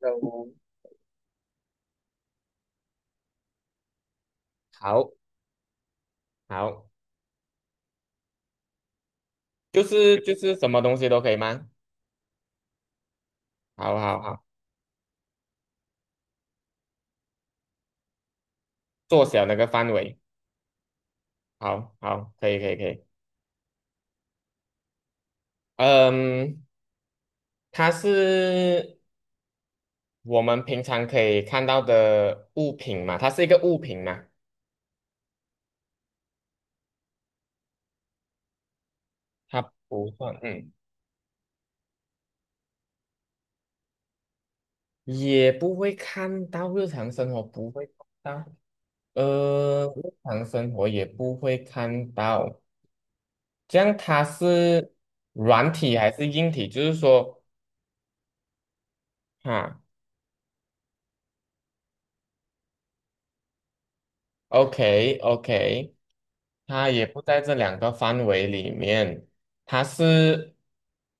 任务好好，就是什么东西都可以吗？好好好，缩小那个范围，好好，可以可以可以。嗯，它是我们平常可以看到的物品嘛？它是一个物品嘛？它不算，嗯，也不会看到，日常生活不会看到，日常生活也不会看到。这样它是软体还是硬体？就是说，哈，OK OK。它也不在这两个范围里面，它是，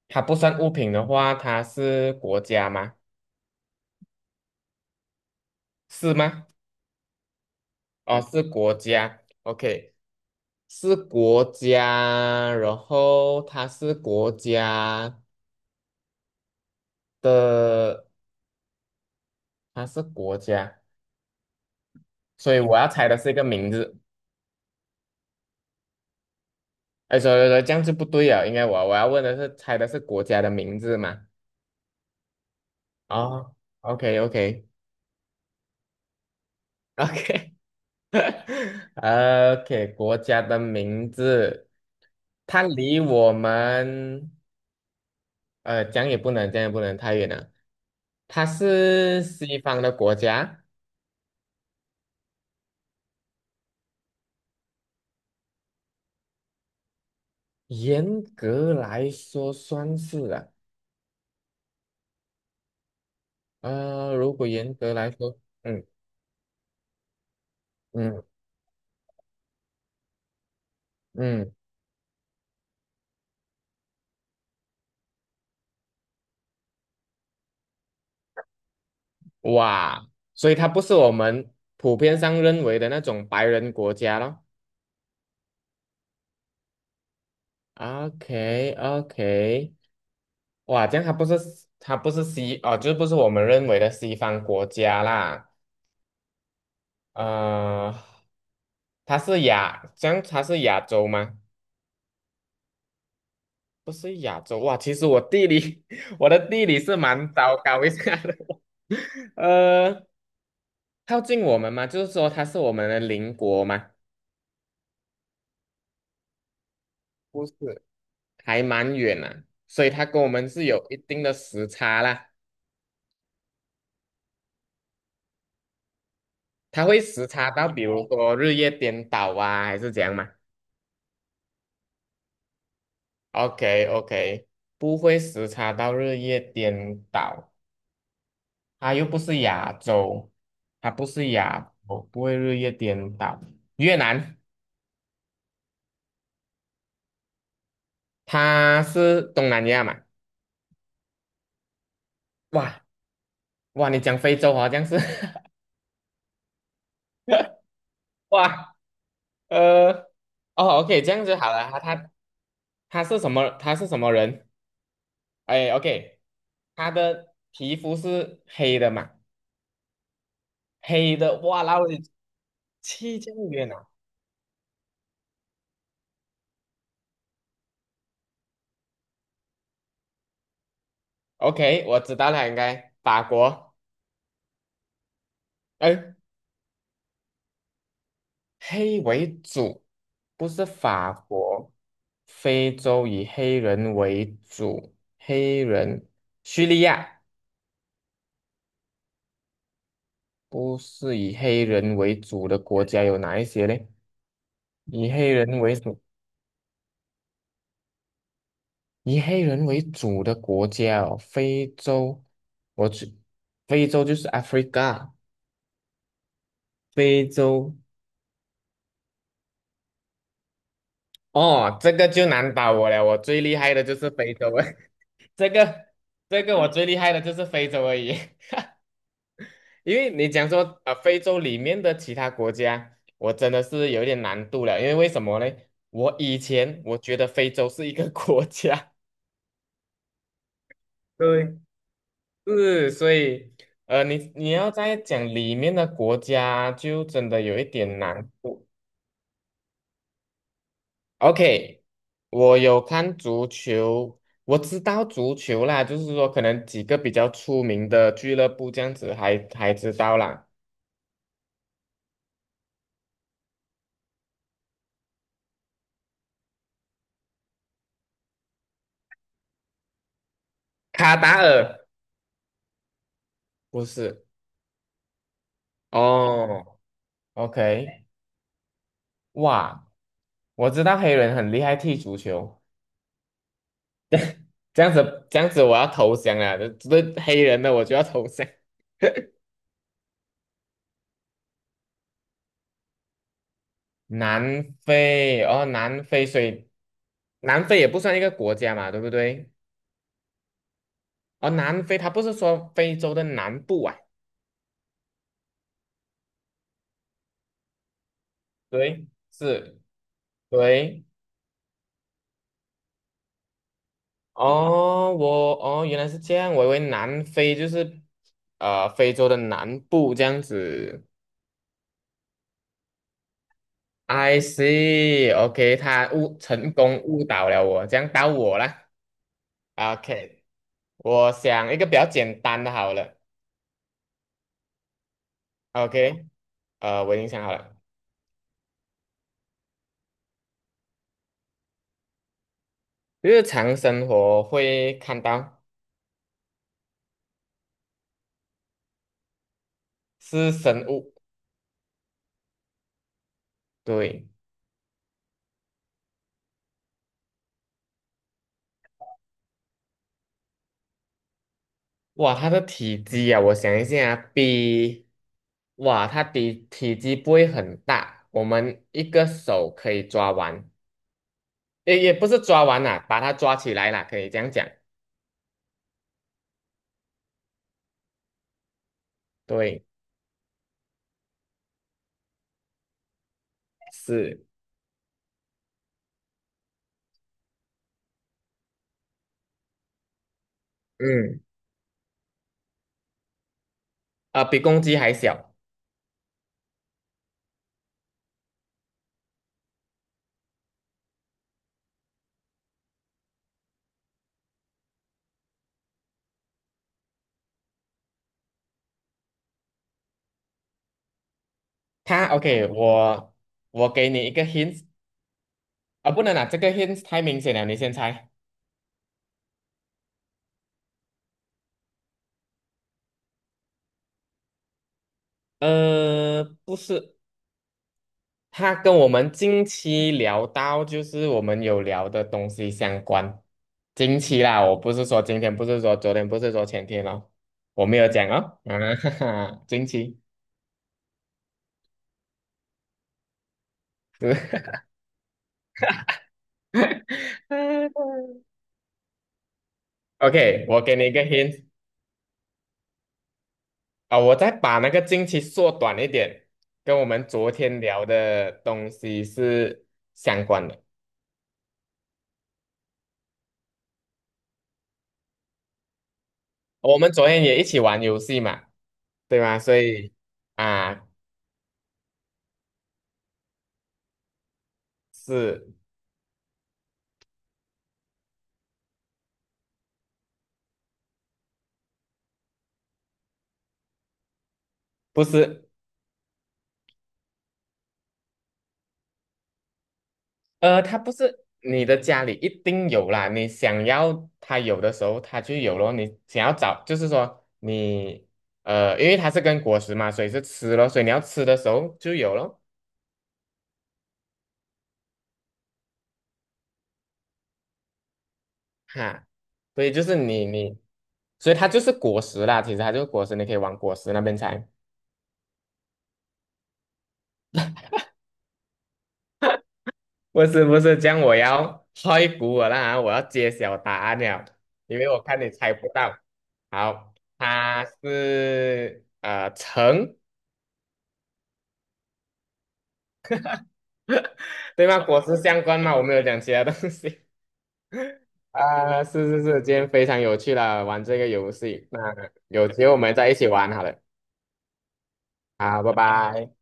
它不算物品的话，它是国家吗？是吗？哦，是国家。OK,是国家，然后它是国家的，它是国家，所以我要猜的是一个名字。哎，所以说这样就不对了，应该我要问的是猜的是国家的名字嘛？哦， o k o k OK，OK，国家的名字，它离我们，讲也不能，讲也不能太远了。它是西方的国家，严格来说算是啊。如果严格来说，嗯嗯嗯，哇，所以它不是我们普遍上认为的那种白人国家咯。o k o k, 哇，这样它不是，它不是西哦，就是不是我们认为的西方国家啦。呃，它是亚，这样它是亚洲吗？不是亚洲哇，其实我地理 我的地理是蛮糟糕一下的。呃，靠近我们嘛，就是说它是我们的邻国嘛，不是，还蛮远啊，所以它跟我们是有一定的时差啦。它会时差到比如说日夜颠倒啊，还是怎样嘛？OK OK,不会时差到日夜颠倒，它又不是亚洲，它不是亚洲，不会日夜颠倒。越南，它是东南亚嘛？哇哇，你讲非洲好像是，哇，呃哦 OK,这样就好了。它他，他是什么？他是什么人？哎 OK,他的皮肤是黑的嘛？黑的，哇，然后你去这样远啊？OK,我知道了，应该法国，哎，黑为主，不是法国，非洲以黑人为主，黑人，叙利亚不是以黑人为主的国家有哪一些嘞？以黑人为主，以黑人为主的国家哦，非洲，我去，非洲就是 Africa,非洲，哦，这个就难倒我了，我最厉害的就是非洲。这个这个我最厉害的就是非洲而已，因为你讲说啊非洲里面的其他国家，我真的是有一点难度了，因为为什么呢？我以前觉得非洲是一个 国家，对，是，所以，你你要再讲里面的国家，就真的有一点难度。OK,我有看足球，我知道足球啦，就是说可能几个比较出名的俱乐部这样子还知道啦，卡达尔。不是哦，OK,哇，我知道黑人很厉害踢足球，这样子这样子我要投降了，这，这黑人的我就要投降。南非哦，南非，所以南非也不算一个国家嘛，对不对？哦，南非它不是说非洲的南部啊，对，是，对，哦，我哦原来是这样，我以为南非就是非洲的南部这样子。I see，OK，他误成功误导了我，这样到我啦。OK,我想一个比较简单的好了。OK,我已经想好了，日常生活会看到，是生物，对，哇，它的体积啊，我想一下啊，比，哇，它的体积不会很大，我们一个手可以抓完，也不是抓完啦、把它抓起来啦，可以这样讲，对，是，嗯。啊、比公鸡还小。它 OK,我给你一个 hint 啊，不能啊，这个 hint 太明显了，你先猜。呃，不是，它跟我们近期聊到，就是我们有聊的东西相关。近期啦，我不是说今天，不是说昨天，不是说前天咯，我没有讲哦。啊，哈哈，近期。对 OK,我给你一个 hint,啊，我再把那个经期缩短一点，跟我们昨天聊的东西是相关的。我们昨天也一起玩游戏嘛，对吗？所以啊，是不是？它不是你的家里一定有啦，你想要它有的时候它就有咯。你想要找，就是说你，因为它是跟果实嘛，所以是吃咯，所以你要吃的时候就有咯。哈，所以就是你，所以它就是果实啦，其实它就是果实，你可以往果实那边猜。不是不是，这样我要开鼓我啦，我要揭晓答案了，因为我看你猜不到。好，它是橙，对吗？果实相关吗？我没有讲其他东西。啊、是是是，今天非常有趣了，玩这个游戏。那有机会我们再一起玩好了。好，拜拜。